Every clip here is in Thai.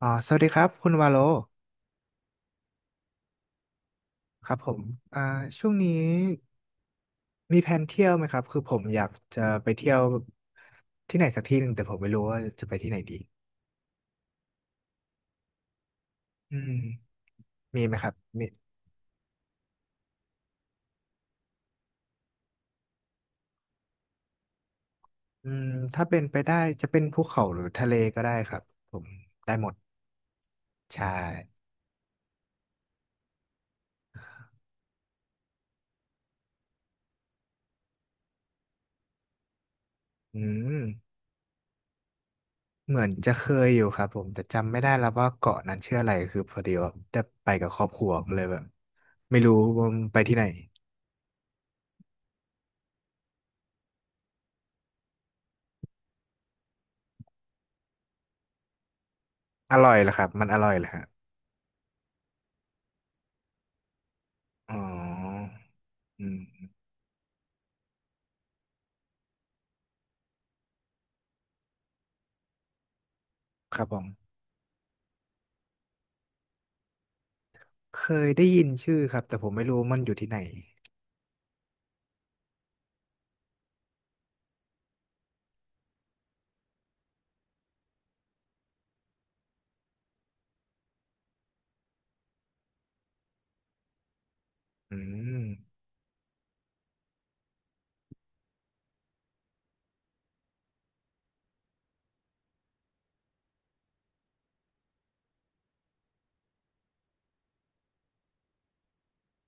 อ๋อสวัสดีครับคุณวาโลครับผมอ่าช่วงนี้มีแผนเที่ยวไหมครับคือผมอยากจะไปเที่ยวที่ไหนสักที่หนึ่งแต่ผมไม่รู้ว่าจะไปที่ไหนดีอืมมีไหมครับมีอืมถ้าเป็นไปได้จะเป็นภูเขาหรือทะเลก็ได้ครับผมได้หมดใช่อืมเหมือนจะเคยอยู่ครับผมแต่จำไม่ได้แล้วว่าเกาะนั้นชื่ออะไรคือพอดีว่าได้ไปกับครอบครัวก็เลยแบบไม่รู้ว่ามันไปที่ไหนอร่อยเหรอครับมันอร่อยเหรอฮะอ๋ออืมครับผม เคยได้ยินชื่อครับแต่ผมไม่รู้มันอยู่ที่ไหนอืม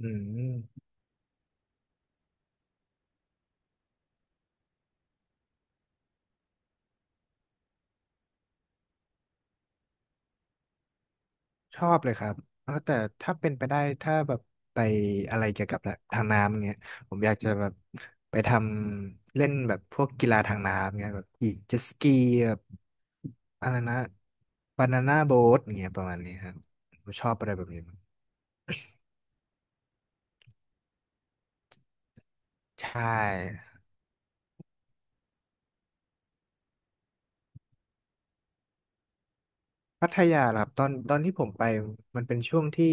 อืมชอบเลยครับเออแต่ถ้าเป็นไปได้ถ้าแบบไปอะไรเกี่ยวกับทางน้ำเงี้ยผมอยากจะแบบไปทำเล่นแบบพวกกีฬาทางน้ำเงี้ยแบบขี่เจ็ตสกีแบบอะไรนะบานาน่าโบ๊ทเงี้ยประมาณนี้ครับผมชอบอะไรแบบนี้มากใช่ พัทยาล่ะครับตอนที่ผมไปมันเป็นช่วงที่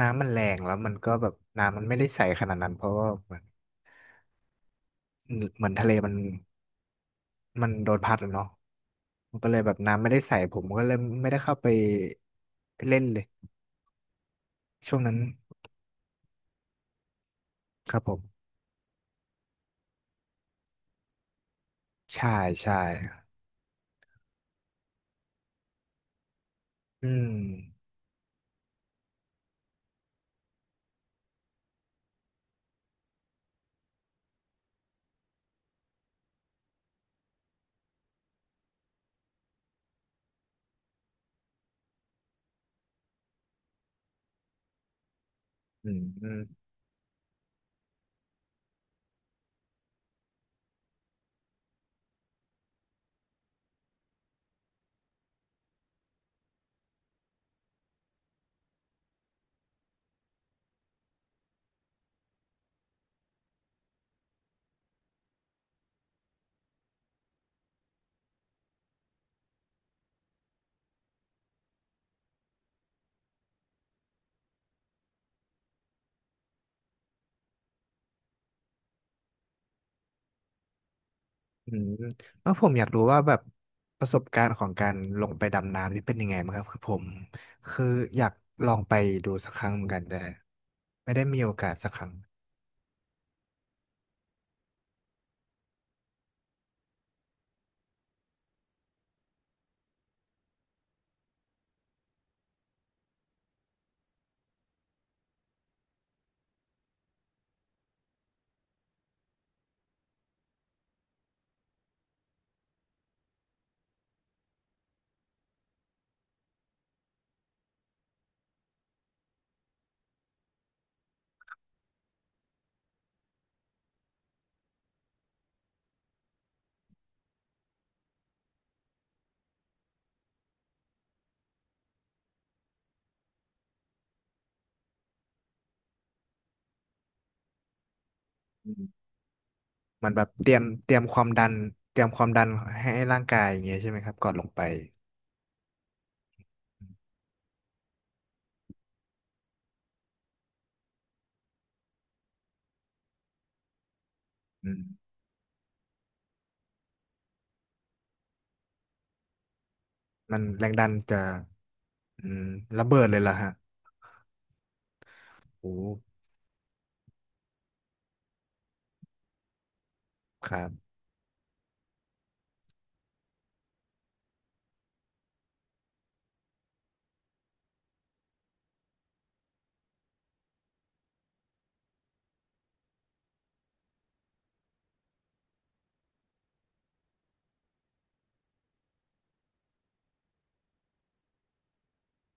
น้ำมันแรงแล้วมันก็แบบน้ำมันไม่ได้ใสขนาดนั้นเพราะว่าเหมือนเหมือนทะเลมันโดนพัดแล้วเนาะมันก็เลยแบบน้ำไม่ได้ใสผมก็เลยไม่ได้เข้าไปเล่นเลยช่วงนั้นครับผมใช่ใช่อืมอืม อืมเออผมอยากรู้ว่าแบบประสบการณ์ของการลงไปดำน้ำนี่เป็นยังไงบ้างครับคือผมคืออยากลองไปดูสักครั้งเหมือนกันแต่ไม่ได้มีโอกาสสักครั้งมันแบบเตรียมความดันเตรียมความดันให้ร่างกายอย่างเงี้ยใช่ไหมครับก่อนลงไปอืมมันแรงดันจะอืมระเบิดเลยล่ะฮะโอ้ครับ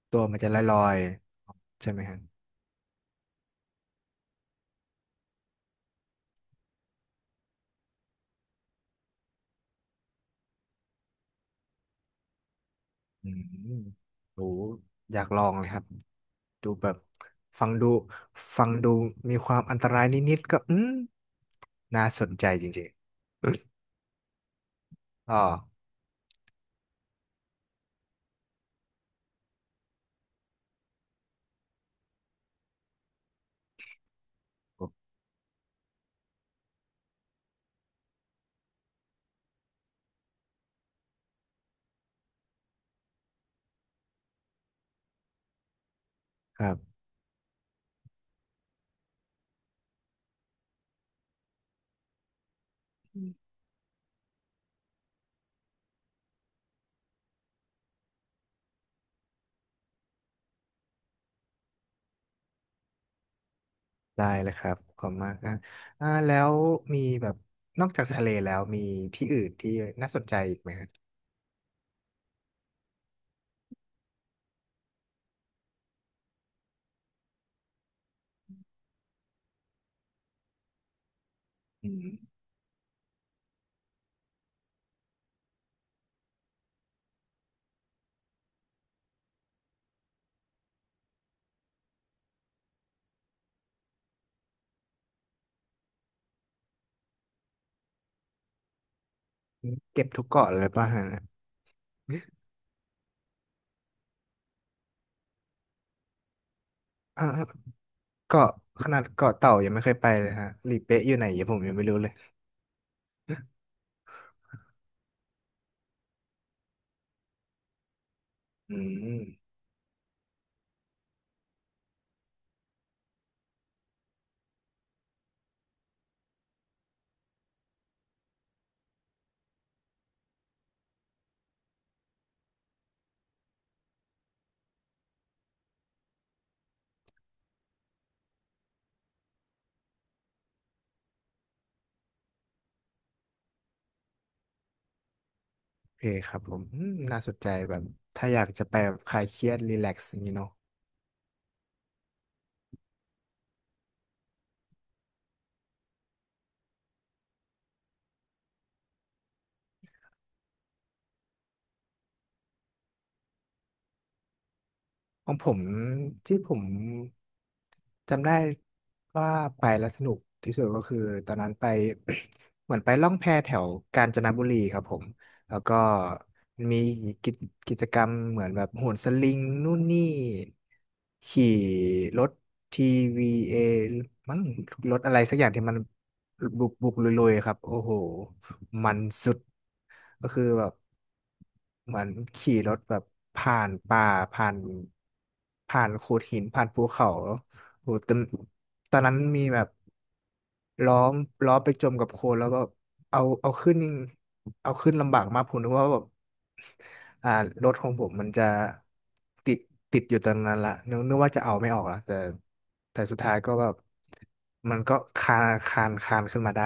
ตัวมันจะลอยๆใช่ไหมฮะ อืมโหอยากลองเลยครับดูแบบฟังดูฟังดูมีความอันตรายนิดๆก็อืมน่าสนใจจริงๆอ๋อครับได้เลยครับขอบคุณมากนะแล้วมีแบบนอกจากทะเลแล้วมีที่อื่นที่น่าสนใจอีกไหมครับอืมเก็บทุกเกาะเลยป่ะฮะอ่าเกาะขนาดเกาะเต่ายังไม่เคยไปเลยฮะหลีเป๊ะอยู่ไหนยังผมยังไม่รู้เลยอืม โอเคครับผมอืมน่าสนใจแบบถ้าอยากจะไปแบบคลายเครียดรีแลกซ์อย่างนี้เนาะของผมที่ผมจำได้ว่าไปแล้วสนุกที่สุดก็คือตอนนั้นไป เหมือนไปล่องแพแถวกาญจนบุรีครับผมแล้วก็มีกิจกิจกรรมเหมือนแบบโหนสลิงนู่นนี่ขี่รถ TVA มั้งรถอะไรสักอย่างที่มัน บุกลุยๆครับโอ้โหมันสุดก็คือแบบเหมือนขี่รถแบบผ่านป่าผ่านผ่านโขดหินผ่านภูเขาโอ้โหตอนตอนนั้นมีแบบ ล้อมล้อไปจมกับโคลนแล้วก็เอาเอาขึ้นนี่เอาขึ้นลำบากมากผมนึกว่าแบบอ่ารถของผมมันจะติดติดอยู่ตอนนั้นละนึกนึกว่าจะเอาไม่ออกละแต่แต่สุดท้ายก็แบบมันก็คานขึ้นมาได้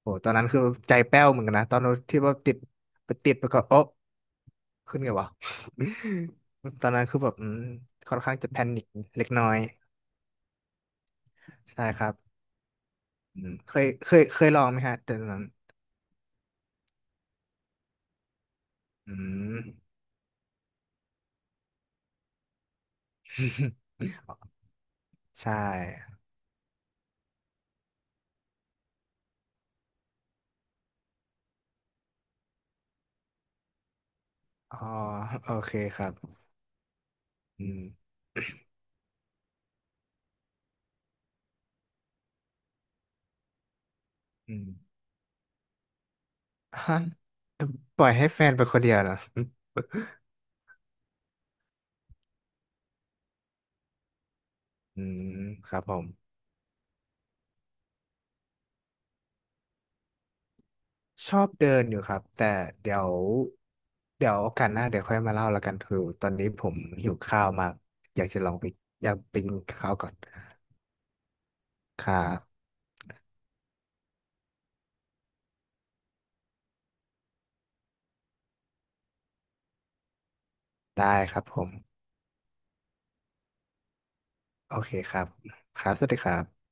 โอ้ตอนนั้นคือใจแป้วเหมือนกันนะตอนที่ว่าติดไปติดไปก็โอ๊ะขึ้นไงวะ ตอนนั้นคือแบบอืมค่อนข้างจะแพนิคเล็กน้อยใช่ครับอืมเคยเคยเคยลองไหมฮะตอนนั้น อืม ใช่อ๋อโอเคครับอืมอืมฮะปล่อยให้แฟนไปคนเดียวนะอืมครับผมชอบเดินอยู่ครับแต่เดี๋ยวเดี๋ยวโอกาสหน้าเดี๋ยวค่อยมาเล่าแล้วกันคือตอนนี้ผมหิวข้าวมากอยากจะลองไปอยากไปกินข้าวก่อนครับได้ครับผมโอเคครับครับสวัสดีครับ